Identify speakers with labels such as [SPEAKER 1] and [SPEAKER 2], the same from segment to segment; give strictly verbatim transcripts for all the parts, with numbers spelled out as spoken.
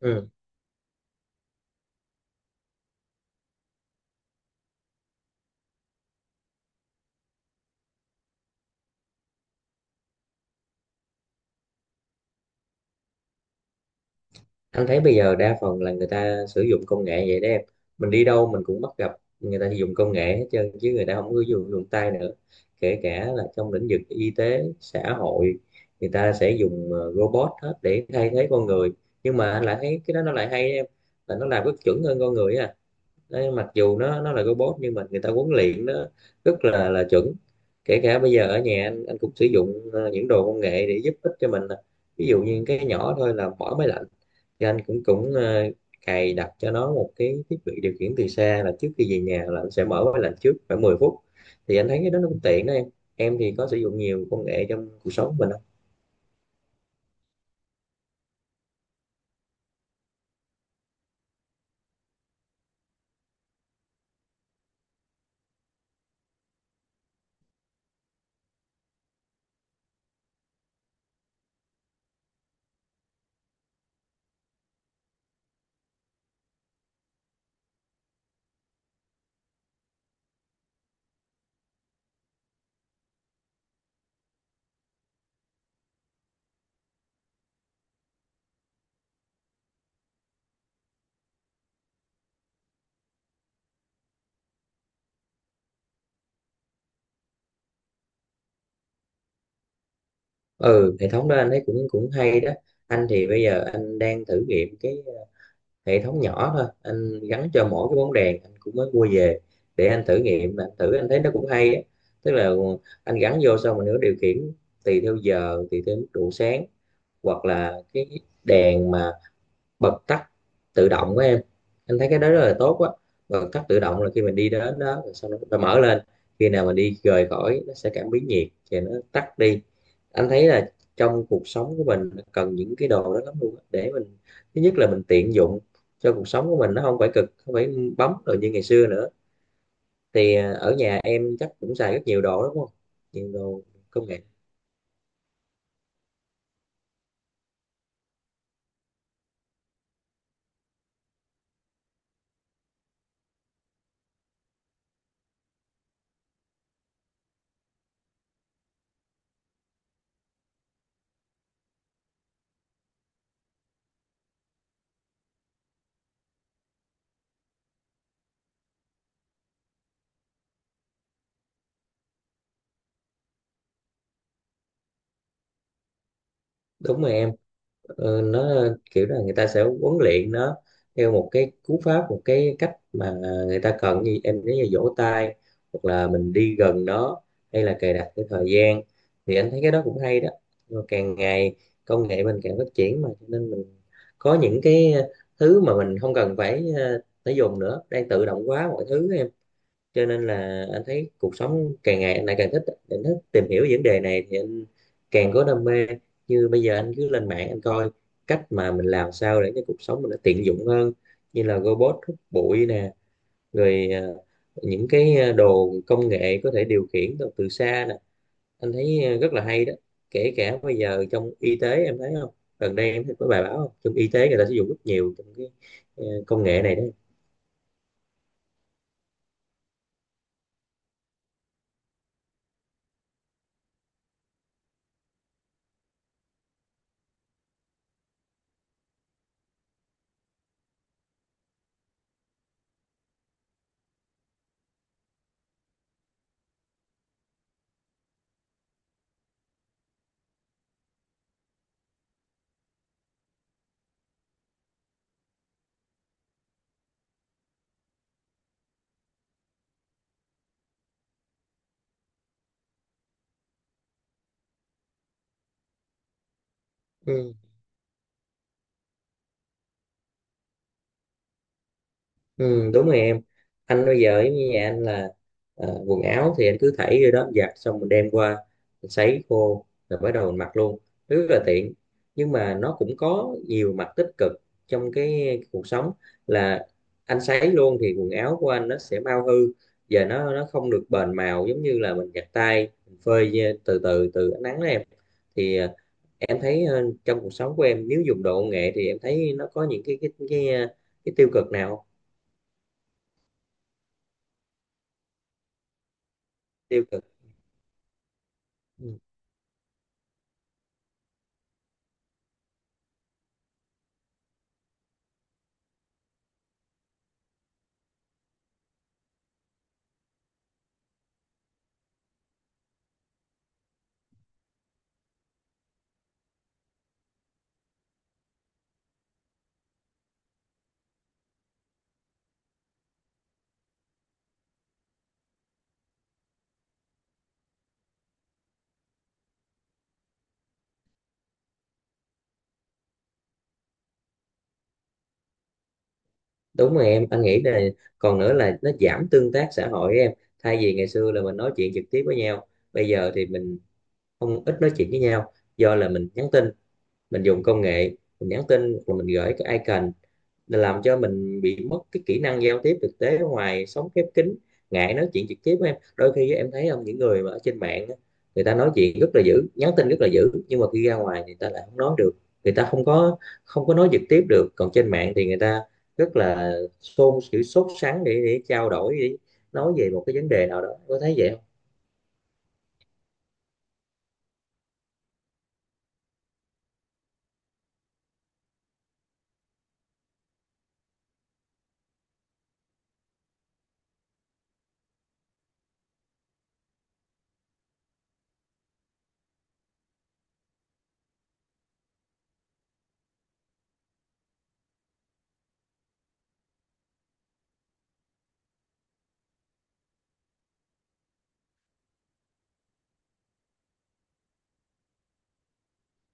[SPEAKER 1] Ừ. Anh thấy bây giờ đa phần là người ta sử dụng công nghệ vậy đó em, mình đi đâu mình cũng bắt gặp người ta dùng công nghệ hết trơn chứ người ta không có dùng dùng tay nữa, kể cả là trong lĩnh vực y tế xã hội người ta sẽ dùng ờ, robot hết để thay thế con người. Nhưng mà anh lại thấy cái đó nó lại hay đó em, là nó làm rất chuẩn hơn con người á. Đấy, mặc dù nó nó là robot nhưng mà người ta huấn luyện nó rất là là chuẩn. Kể cả bây giờ ở nhà anh, anh cũng sử dụng ờ, những đồ công nghệ để giúp ích cho mình nè. Ví dụ như cái nhỏ thôi là mở máy lạnh, thì anh cũng cũng ờ, cài đặt cho nó một cái thiết bị điều khiển từ xa, là trước khi về nhà là anh sẽ mở máy lạnh trước khoảng mười phút, thì anh thấy cái đó nó cũng tiện đó em. Em thì có sử dụng nhiều công nghệ trong cuộc sống của mình không? Ừ, hệ thống đó anh thấy cũng cũng hay đó. Anh thì bây giờ anh đang thử nghiệm cái ờ, hệ thống nhỏ thôi, anh gắn cho mỗi cái bóng đèn anh cũng mới mua về để anh thử nghiệm, anh thử anh thấy nó cũng hay á. Tức là ờ, anh gắn vô xong mình nữa điều khiển tùy theo giờ, tùy theo mức độ sáng, hoặc là cái đèn mà bật tắt tự động của em. Anh thấy cái đó rất là tốt á. Bật tắt tự động là khi mình đi đến đó rồi sau đó nó mở lên, khi nào mình đi rời khỏi nó sẽ cảm biến nhiệt thì nó tắt đi. Anh thấy là trong cuộc sống của mình cần những cái đồ đó lắm luôn á, để mình thứ nhất là mình tiện dụng cho cuộc sống của mình, nó không phải cực, không phải bấm rồi như ngày xưa nữa. Thì à, ở nhà em chắc cũng xài rất nhiều đồ đúng không? Nhiều đồ công nghệ. Đúng rồi em. Ờ, nó ờ, kiểu là người ta sẽ huấn luyện nó theo một cái cú pháp, một cái cách mà người ta cần, như em nói là vỗ tay, hoặc là mình đi gần nó, hay là cài đặt cái thời gian, thì anh thấy cái đó cũng hay đó. Rồi càng ngày công nghệ mình càng phát triển, mà cho nên mình có những cái ờ, thứ mà mình không cần phải ờ, phải dùng nữa, đang tự động hóa mọi thứ em. Cho nên là anh thấy cuộc sống càng ngày anh lại càng thích, anh thích tìm hiểu vấn đề này thì anh càng có đam mê. Như bây giờ anh cứ lên mạng anh coi cách mà mình làm sao để cho cuộc sống mình nó tiện dụng hơn, như là robot hút bụi nè, rồi ờ, những cái ờ, đồ công nghệ có thể điều khiển từ, từ xa nè, anh thấy ờ, rất là hay đó. Kể cả bây giờ trong y tế em thấy không, gần đây em thấy có bài báo không, trong y tế người ta sử dụng rất nhiều trong cái ờ, công nghệ này đấy. Ừ. Ừ, đúng rồi em. Anh bây giờ giống như nhà anh là ờ, quần áo thì anh cứ thảy vô đó giặt, xong mình đem qua mình sấy khô rồi bắt đầu mình mặc luôn, rất là tiện. Nhưng mà nó cũng có nhiều mặt tích cực trong cái cuộc sống, là anh sấy luôn thì quần áo của anh nó sẽ mau hư, và nó nó không được bền màu, giống như là mình giặt tay mình phơi từ từ từ ánh nắng đó em. Thì ờ, em thấy ờ, trong cuộc sống của em nếu dùng đồ công nghệ thì em thấy nó có những cái cái cái, cái tiêu cực nào không? Tiêu cực. Ừ. Đúng rồi em, anh nghĩ là còn nữa là nó giảm tương tác xã hội em. Thay vì ngày xưa là mình nói chuyện trực tiếp với nhau, bây giờ thì mình không ít nói chuyện với nhau, do là mình nhắn tin, mình dùng công nghệ, mình nhắn tin rồi mình gửi cái icon, là làm cho mình bị mất cái kỹ năng giao tiếp thực tế ở ngoài, sống khép kín, ngại nói chuyện trực tiếp với em. Đôi khi em thấy không, những người mà ở trên mạng á, người ta nói chuyện rất là dữ, nhắn tin rất là dữ, nhưng mà khi ra ngoài thì người ta lại không nói được, người ta không có không có nói trực tiếp được, còn trên mạng thì người ta rất là xôn xỉu sốt sắng để để trao đổi, để nói về một cái vấn đề nào đó, có thấy vậy không?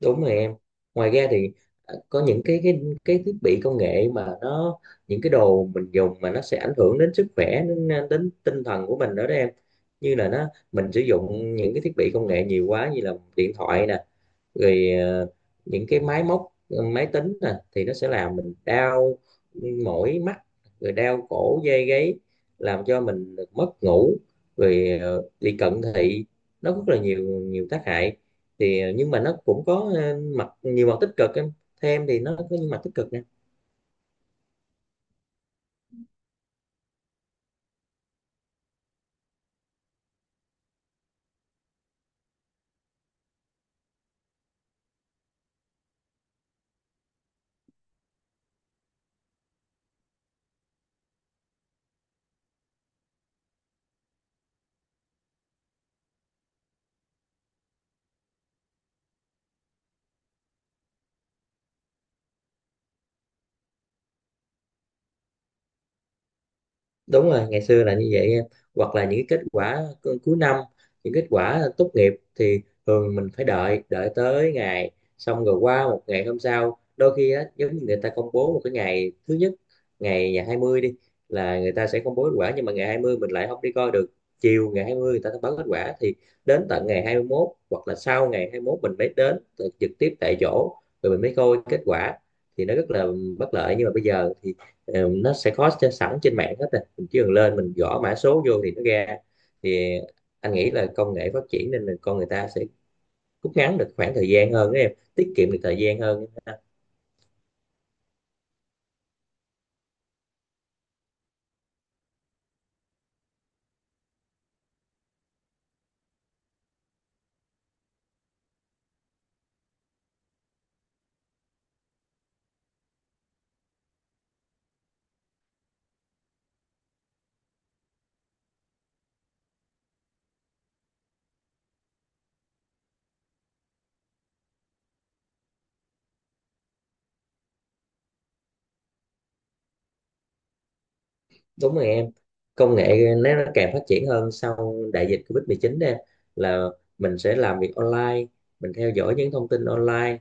[SPEAKER 1] Đúng rồi em. Ngoài ra thì à, có những cái cái cái thiết bị công nghệ mà nó, những cái đồ mình dùng mà nó sẽ ảnh hưởng đến sức khỏe, đến à, đến tinh thần của mình nữa đó em. Như là nó, mình sử dụng những cái thiết bị công nghệ nhiều quá, như là điện thoại nè, rồi ờ, những cái máy móc ờ, máy tính nè, thì nó sẽ làm mình đau mỏi mắt, rồi đau cổ dây gáy, làm cho mình mất ngủ, rồi ờ, bị cận thị, nó rất là nhiều nhiều tác hại. Thì ờ, nhưng mà nó cũng có ờ, mặt nhiều mặt tích cực em, theo em thì nó có những mặt tích cực nè? Đúng rồi, ngày xưa là như vậy em, hoặc là những cái kết quả cu- cuối năm, những kết quả tốt nghiệp thì thường mình phải đợi đợi tới ngày, xong rồi qua một ngày hôm sau, đôi khi á giống như người ta công bố một cái ngày thứ nhất, ngày ngày hai mươi đi, là người ta sẽ công bố kết quả, nhưng mà ngày hai mươi mình lại không đi coi được. Chiều ngày hai mươi người ta thông báo kết quả, thì đến tận ngày hai mươi mốt hoặc là sau ngày hai mươi mốt mình mới đến tự- trực tiếp tại chỗ rồi mình mới coi kết quả. Thì nó rất là bất lợi, nhưng mà bây giờ thì Ờ, nó sẽ có sẵn trên mạng hết rồi, mình chỉ cần lên mình gõ mã số vô thì nó ra. Thì anh nghĩ là công nghệ phát triển nên là con người ta sẽ rút ngắn được khoảng thời gian hơn đó em, tiết kiệm được thời gian hơn. Đúng rồi em, công nghệ nó nó càng phát triển hơn sau đại dịch covid mười chín mười đây, là mình sẽ làm việc online, mình theo dõi những thông tin online,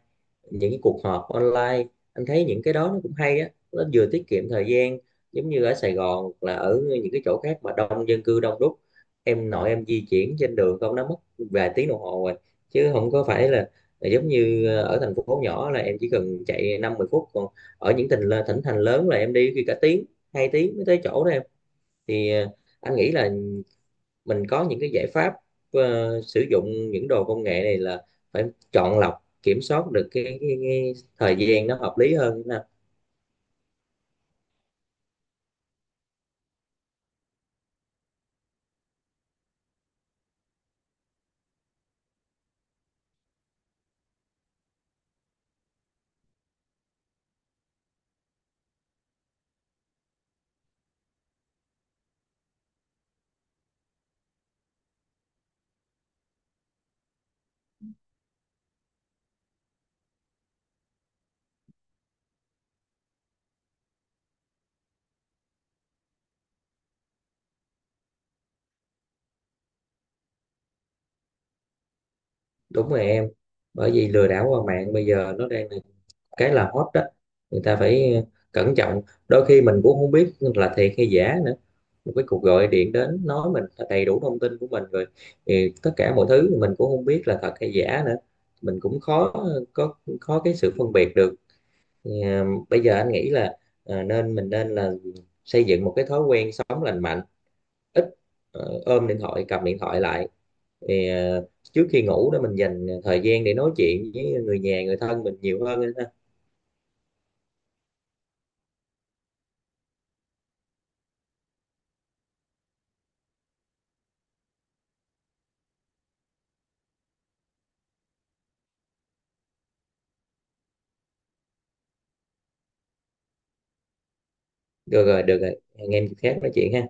[SPEAKER 1] những cái cuộc họp online, anh thấy những cái đó nó cũng hay á, nó vừa tiết kiệm thời gian. Giống như ở Sài Gòn hoặc là ở những cái chỗ khác mà đông dân cư đông đúc, em nội em di chuyển trên đường không nó mất vài tiếng đồng hồ rồi, chứ không có phải là là giống như ở thành phố nhỏ là em chỉ cần chạy năm mười phút, còn ở những tỉnh thỉnh thành lớn là em đi khi cả tiếng hai tiếng mới tới chỗ đó em. Thì ờ, anh nghĩ là mình có những cái giải pháp ờ, sử dụng những đồ công nghệ này là phải chọn lọc, kiểm soát được cái, cái, cái thời gian nó hợp lý hơn ha. Đúng rồi em. Bởi vì lừa đảo qua mạng bây giờ nó đang là cái là hot đó, người ta phải ờ, cẩn trọng, đôi khi mình cũng không biết là thiệt hay giả nữa, một cái cuộc gọi điện đến nói mình là đầy đủ thông tin của mình rồi, thì tất cả mọi thứ mình cũng không biết là thật hay giả nữa, mình cũng khó ờ, có, khó cái sự phân biệt được. Thì, à, Bây giờ anh nghĩ là à, nên mình nên là xây dựng một cái thói quen sống lành mạnh, ít ờ, ôm điện thoại, cầm điện thoại lại, thì, à, trước khi ngủ đó mình dành thời gian để nói chuyện với người nhà người thân mình nhiều hơn ha. Được rồi được rồi, hẹn em dịp khác nói chuyện ha.